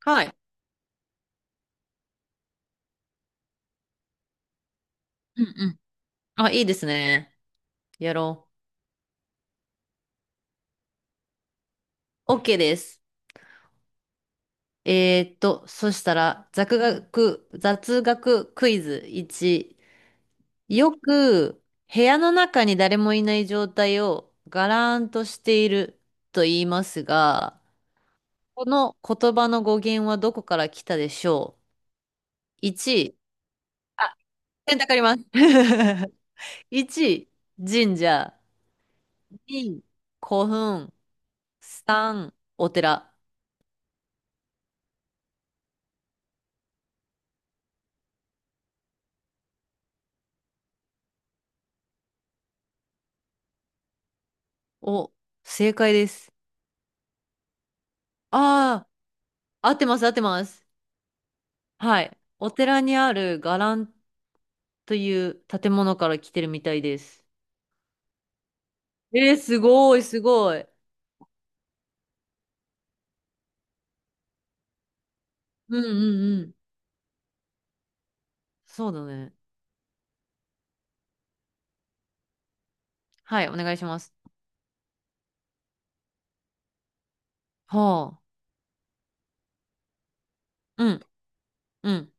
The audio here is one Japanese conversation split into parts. はい。うんうん。あ、いいですね。やろう。OK です。そしたら、雑学クイズ1。よく、部屋の中に誰もいない状態をガラーンとしていると言いますが、この言葉の語源はどこから来たでしょう？ 1、選択あります。1、神社。2、古墳。3、お寺。お、正解です。ああ、合ってます、合ってます。はい。お寺にある伽藍という建物から来てるみたいです。えー、すごい、すごい。うんうんうん。そうだね。はい、お願いします。はあ。うん、うん。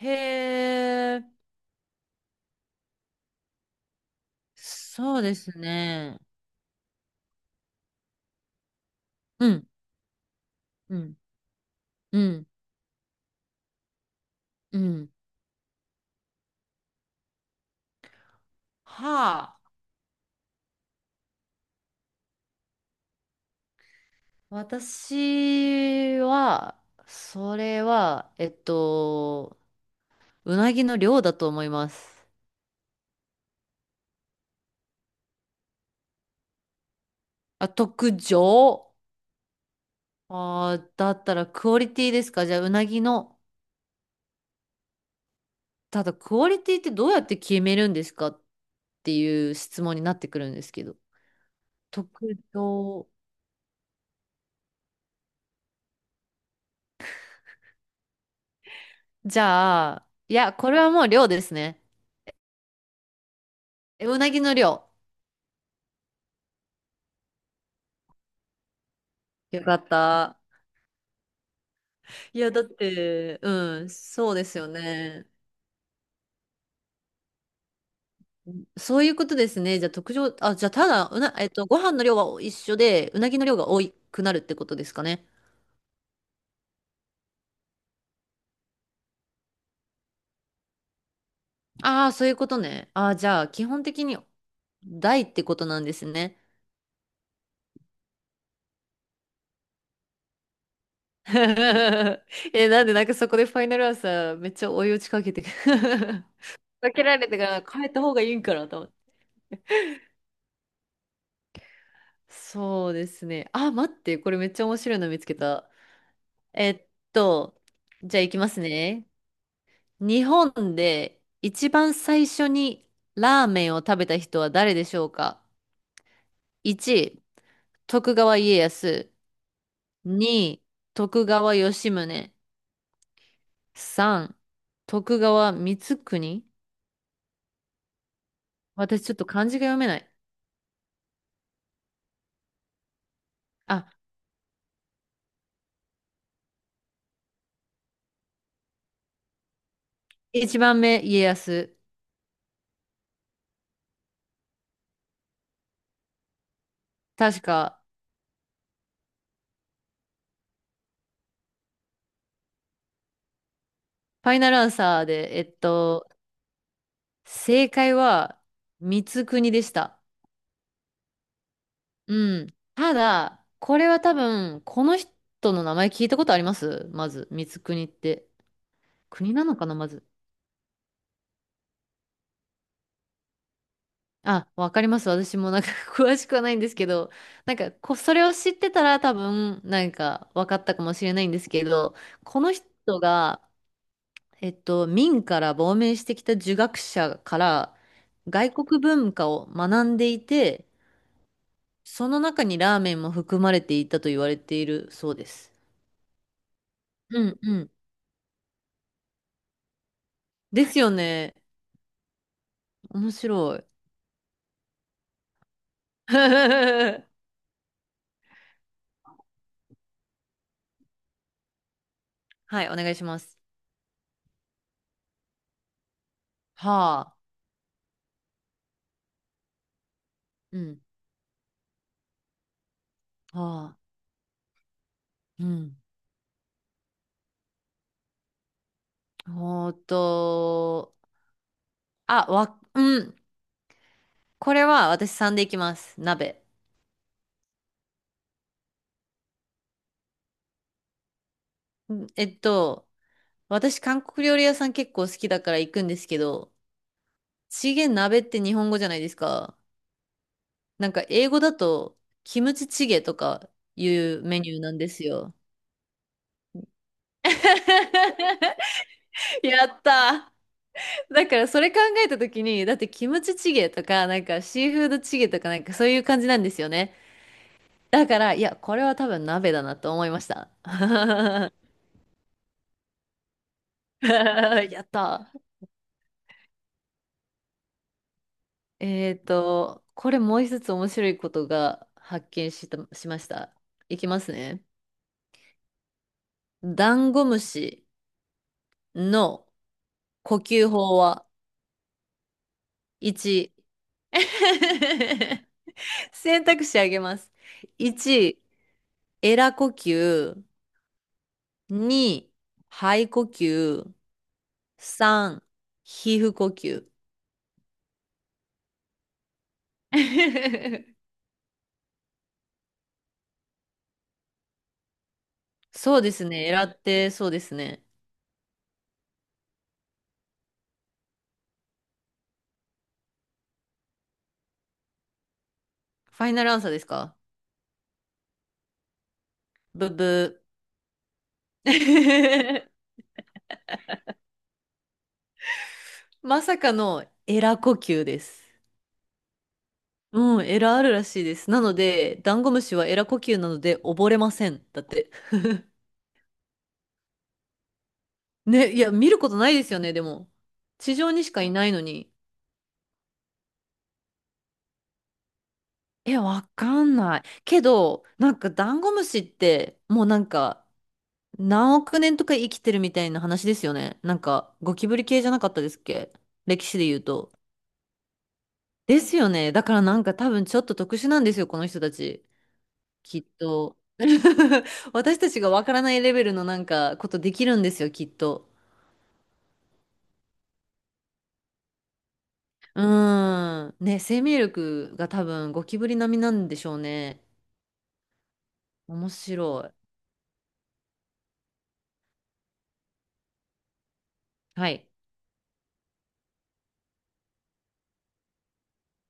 へえ、そうですね。うん、うん、うん、うん。はあ。私は、それは、うなぎの量だと思います。あ、特上。ああ、だったらクオリティですか？じゃあ、うなぎの。ただ、クオリティってどうやって決めるんですかっていう質問になってくるんですけど。特徴。じゃあ、いや、これはもう量ですね。うなぎの量。よかった。いや、だって、うん、そうですよね。そういうことですね。じゃあ、特徴、あ、じゃあ、ただ、うな、えっと、ご飯の量は一緒で、うなぎの量が多くなるってことですかね。ああ、そういうことね。ああ、じゃあ、基本的に大ってことなんですね。え、なんでなんかそこでファイナルアンサーめっちゃ追い打ちかけてく、 かけられてから変えた方がいいんかなと思って。そうですね。あ、待って、これめっちゃ面白いの見つけた。えっと、じゃあ行きますね。日本で一番最初にラーメンを食べた人は誰でしょうか？ 1、徳川家康。2、徳川吉宗。3、徳川光圀。私ちょっと漢字が読めない。あ、一番目、家康。確か、ファイナルアンサーで、正解は、光国でした。うん。ただ、これは多分、この人の名前聞いたことありますまず、光国って。国なのかなまず。あ、わかります。私もなんか 詳しくはないんですけど、なんか、それを知ってたら多分、なんか、わかったかもしれないんですけど、この人が、明から亡命してきた儒学者から外国文化を学んでいて、その中にラーメンも含まれていたと言われているそうです。うんうん。ですよね。面白い。はい、お願いします。はあ。うん。はあ。うん。ほーと、あ、うん。これは私さんでいきます。鍋。うん私韓国料理屋さん結構好きだから行くんですけど、チゲ鍋って日本語じゃないですか。なんか英語だとキムチチゲとかいうメニューなんですよ。やったー。だからそれ考えた時に、だってキムチチゲとか、なんかシーフードチゲとかなんかそういう感じなんですよね。だから、いや、これは多分鍋だなと思いました。やったー。これもう一つ面白いことが発見した、しました。いきますね。ダンゴムシの呼吸法は1、選択肢あげます。1、エラ呼吸。2、肺呼吸。3、皮膚呼吸。そうですね。エラって、そうですね。ファイナルアンサーですか？ブブー。まさかのエラ呼吸です。うん、エラあるらしいです。なので、ダンゴムシはエラ呼吸なので溺れません。だって。ね、いや、見ることないですよね、でも。地上にしかいないのに。え、わかんない。けど、なんかダンゴムシって、もうなんか、何億年とか生きてるみたいな話ですよね。なんか、ゴキブリ系じゃなかったですっけ、歴史で言うと。ですよね。だからなんか多分ちょっと特殊なんですよ、この人たち。きっと。私たちがわからないレベルのなんかことできるんですよ、きっと。うーん。ね、生命力が多分ゴキブリ並みなんでしょうね。面白い。はい。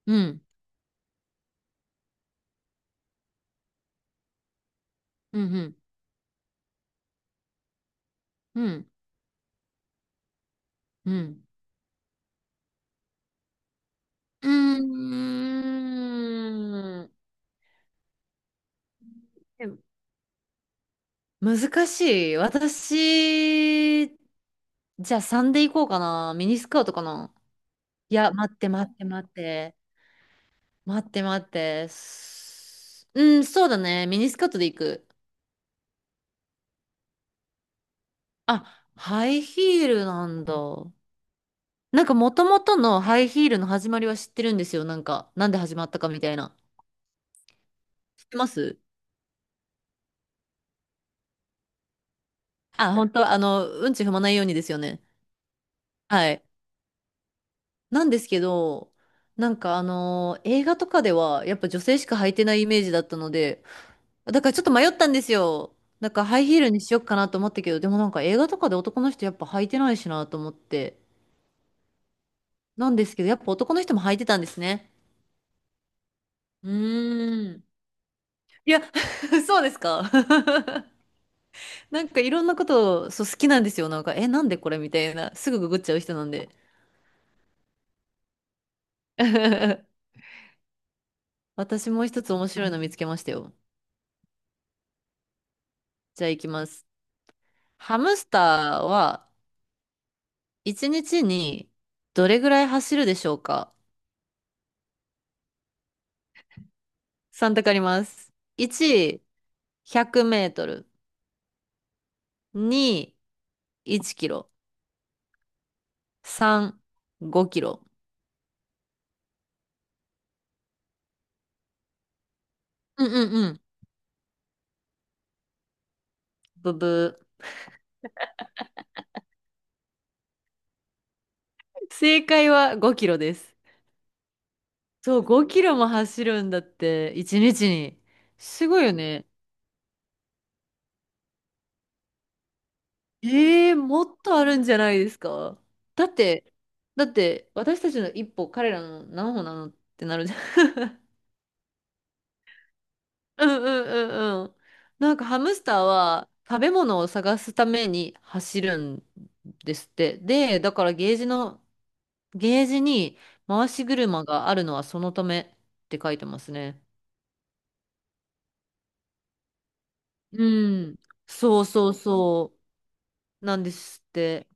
うん。うん。うん。うん。うん。うーん。でも難しい。私、じゃあ3でいこうかな。ミニスカートかな。いや、待って待って。待って。うん、そうだね。ミニスカートでいく。あ、ハイヒールなんだ。なんかもともとのハイヒールの始まりは知ってるんですよ。なんか、なんで始まったかみたいな。知ってます？あ、本当うんち踏まないようにですよね。はい。なんですけど、なんか映画とかでは、やっぱ女性しか履いてないイメージだったので、だからちょっと迷ったんですよ。なんかハイヒールにしよっかなと思ったけど、でもなんか映画とかで男の人やっぱ履いてないしなと思って。なんですけど、やっぱ男の人も履いてたんですね。うーん。いや、そうですか。なんかいろんなことを、そう、好きなんですよ。なんか、え、なんでこれみたいな。すぐググっちゃう人なんで。私もう一つ面白いの見つけましたよ。じゃあ行きます。ハムスターは1日にどれぐらい走るでしょうか？ 3 択あります。1、100メートル。2、1キロ。3、5キロ。うんうんうん。ブブー。正解は5キロです。そう、5キロも走るんだって、1日にちに。すごいよね。ええ、もっとあるんじゃないですか？だって、私たちの一歩、彼らの何歩なのってなるじゃん。うんうんうんうん。なんかハムスターは食べ物を探すために走るんですって。で、だからゲージに回し車があるのはそのためって書いてますね。うん。そうそうそう。なんですって。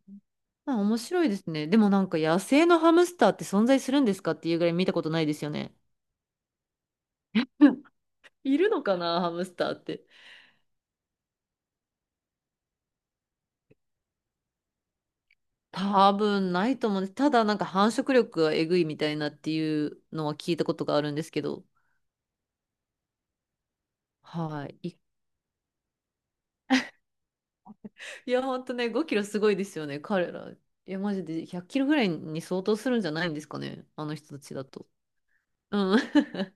まあ面白いですね。でもなんか野生のハムスターって存在するんですかっていうぐらい見たことないですよね。うん、いるのかな、ハムスターって。多分ないと思うんです。ただなんか繁殖力がえぐいみたいなっていうのは聞いたことがあるんですけど。はい。いいや、ほんとね、5キロすごいですよね、彼ら。いや、マジで100キロぐらいに相当するんじゃないんですかね、あの人たちだと。うん。